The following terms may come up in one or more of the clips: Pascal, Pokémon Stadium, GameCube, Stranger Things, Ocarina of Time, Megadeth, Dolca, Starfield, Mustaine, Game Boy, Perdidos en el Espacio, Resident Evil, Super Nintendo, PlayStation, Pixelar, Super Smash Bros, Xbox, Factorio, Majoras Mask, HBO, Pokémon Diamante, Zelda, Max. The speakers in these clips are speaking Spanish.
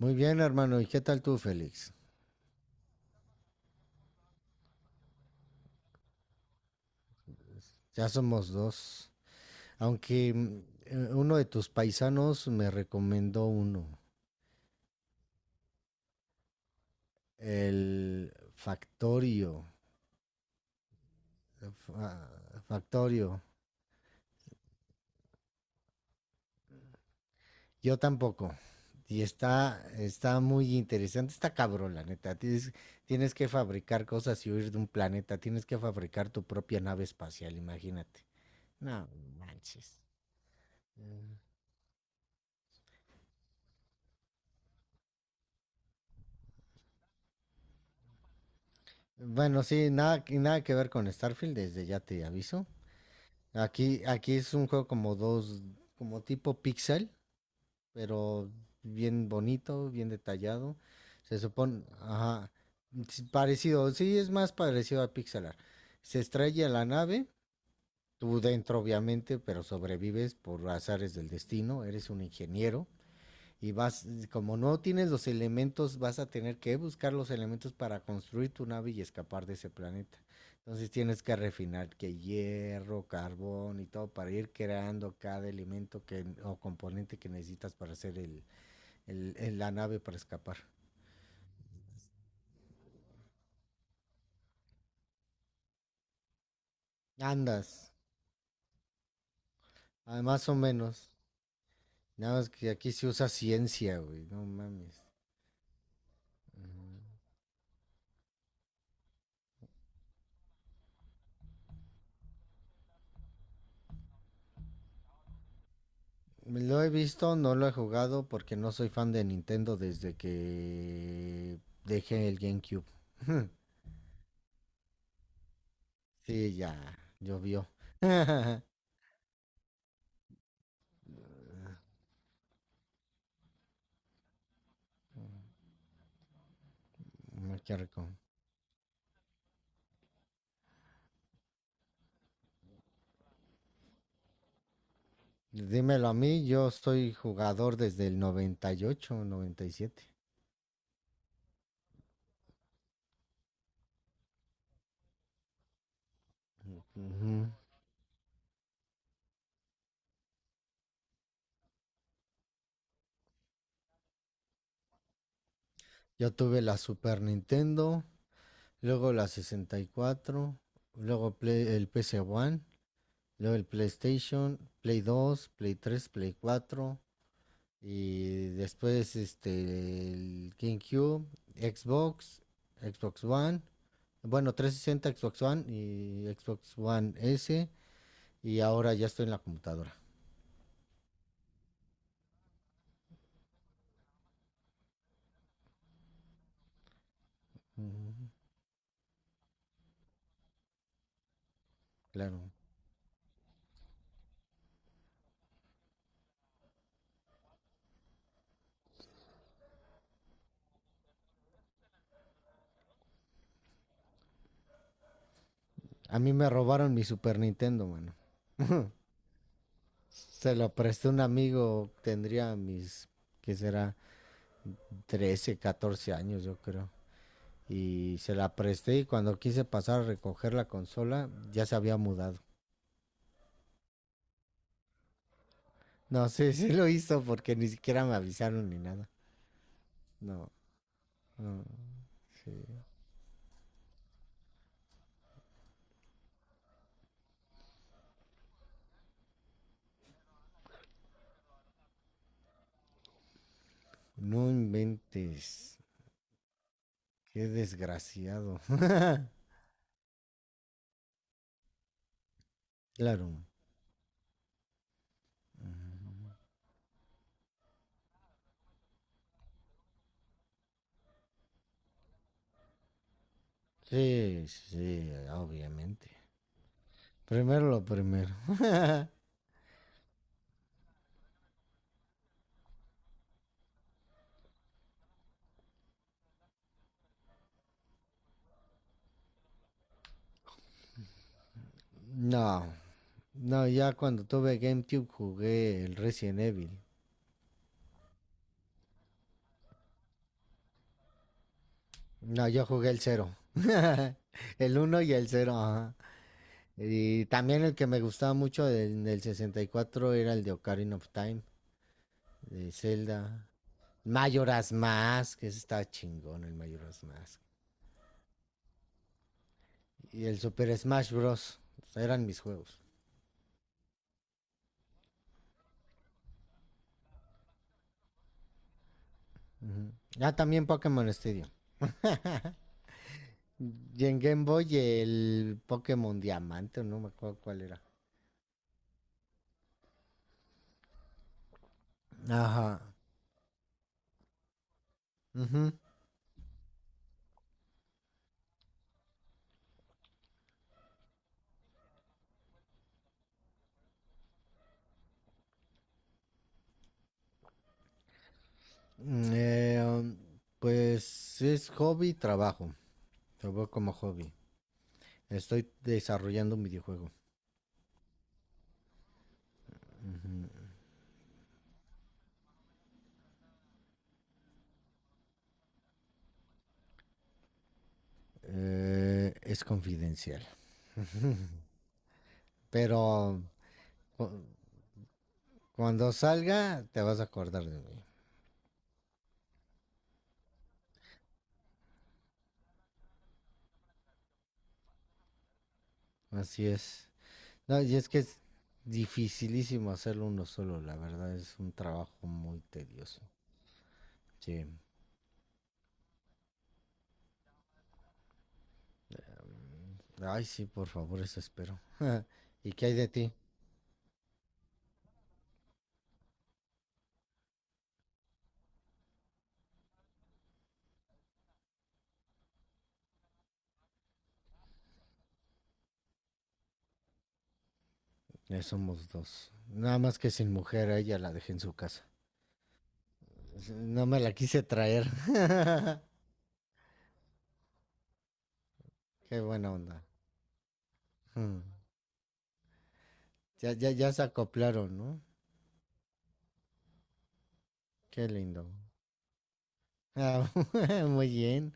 Muy bien, hermano. ¿Y qué tal tú, Félix? Ya somos dos. Aunque uno de tus paisanos me recomendó uno. El Factorio. eh, Fa- Factorio. Yo tampoco. Y está muy interesante. Está cabrón, la neta. Tienes que fabricar cosas y huir de un planeta. Tienes que fabricar tu propia nave espacial, imagínate. No manches. Eh, Bueno, sí, nada, nada que ver con Starfield, desde ya te aviso. Aquí es un juego como dos, como tipo pixel, pero bien bonito, bien detallado. Se supone, ajá, sí, parecido, sí, es más parecido a Pixelar. Se estrella la nave, tú dentro obviamente, pero sobrevives por azares del destino, eres un ingeniero y vas, como no tienes los elementos, vas a tener que buscar los elementos para construir tu nave y escapar de ese planeta. Entonces tienes que refinar que hierro, carbón y todo para ir creando cada elemento que, o componente que necesitas para hacer la nave para escapar. Andas, ah, más o menos. Nada más que aquí se usa ciencia, güey, no mames. Ujú. Lo he visto, no lo he jugado porque no soy fan de Nintendo desde que dejé el GameCube. Sí, ya, llovió. Qué rico. Dímelo a mí, yo soy jugador desde el 98, 97. Ujú. Yo tuve la Super Nintendo, luego la 64, luego el PC One, luego el PlayStation, Play 2, Play 3, Play 4, y después este el GameCube, Xbox, Xbox One, bueno, 360, Xbox One y Xbox One S, y ahora ya estoy en la computadora. Ujú. Claro. A mí me robaron mi Super Nintendo, mano. Se lo presté a un amigo, tendría mis, ¿qué será? 13, 14 años, yo creo. Y se la presté y cuando quise pasar a recoger la consola, ya se había mudado. No sé si lo hizo porque ni siquiera me avisaron ni nada. No, no, sí. No inventes. Qué desgraciado. Claro. Sí, sí, sí, obviamente. Primero lo primero. No, no, ya cuando tuve GameCube jugué el Resident Evil. No, yo jugué el cero, el uno y el 0. Y también el que me gustaba mucho del 64 era el de Ocarina of Time, de Zelda. Majoras Mask, que está chingón el Majoras Mask. Y el Super Smash Bros. Eran mis juegos. Ujú. Ah, también Pokémon Stadium. Y en Game Boy el Pokémon Diamante, no me acuerdo cuál era. Ajá. Ujú. Mm, eh, um, pues es hobby y trabajo. Lo veo como hobby. Estoy desarrollando un videojuego. Es confidencial. Pero cu- cuando salga te vas a acordar de mí. Así es. No, y es que es dificilísimo hacerlo uno solo, la verdad es un trabajo muy tedioso. Sí. Ay, sí, por favor, eso espero. ¿Y qué hay de ti? Ya somos dos. Nada más que sin mujer, a ella la dejé en su casa. No me la quise traer. Qué buena onda. Mm. Ya, ya, ya se acoplaron, ¿no? Qué lindo. Ah, muy bien.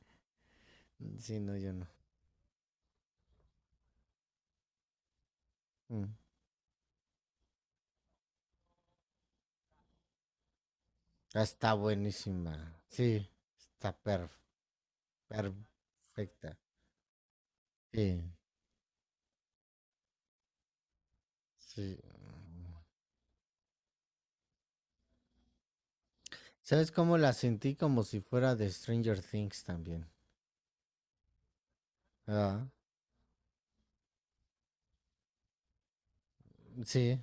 Sí, no, yo no. Mm. Ah, está buenísima. Sí, está per- perfecta. Sí, sí. ¿Sabes cómo la sentí? Como si fuera de Stranger Things también. Ah, sí,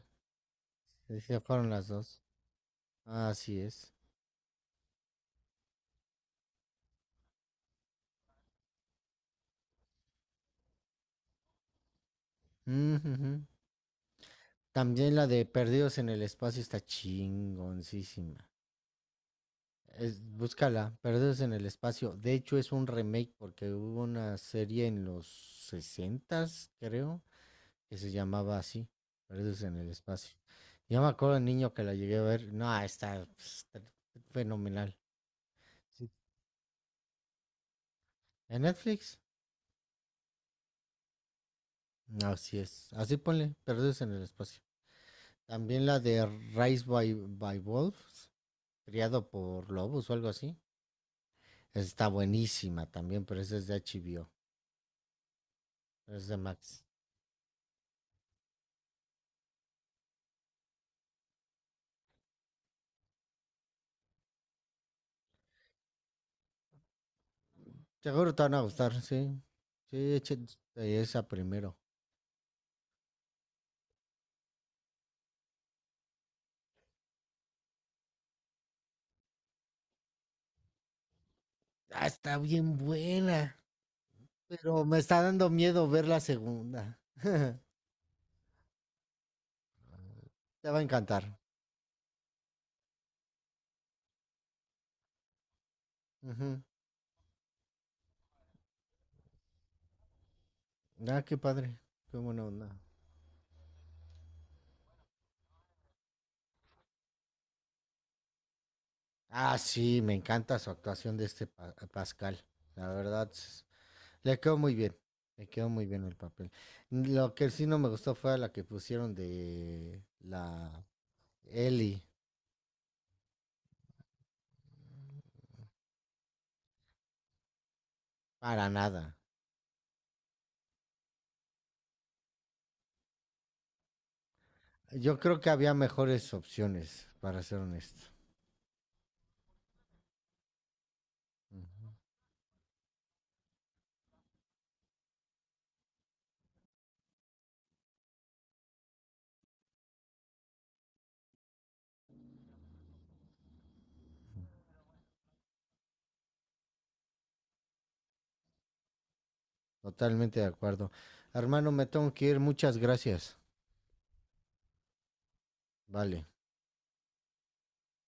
sí, sí, fueron las dos. Así es. Ujú, ujú. También la de Perdidos en el Espacio está chingoncísima. Búscala, Perdidos en el Espacio. De hecho, es un remake porque hubo una serie en los 60, creo, que se llamaba así, Perdidos en el Espacio. Yo me acuerdo de niño que la llegué a ver. No, está fenomenal. Sí. ¿En Netflix? Así es. Así ponle, Perdidos en el Espacio. También la de Rise by Wolves, criado por lobos o algo así. Está buenísima también, pero esa es de HBO, es de Max. Seguro te van a gustar, sí. Sí, échate esa primero. Ah, está bien buena, pero me está dando miedo ver la segunda. Te va a encantar. Ujú. Ah, qué padre, qué buena onda. Ah, sí, me encanta su actuación de este Pascal. La verdad, le quedó muy bien. Le quedó muy bien el papel. Lo que sí no me gustó fue la que pusieron de la Ellie. Para nada. Yo creo que había mejores opciones, para ser honesto. Ujú. Totalmente de acuerdo. Hermano, me tengo que ir. Muchas gracias. Vale.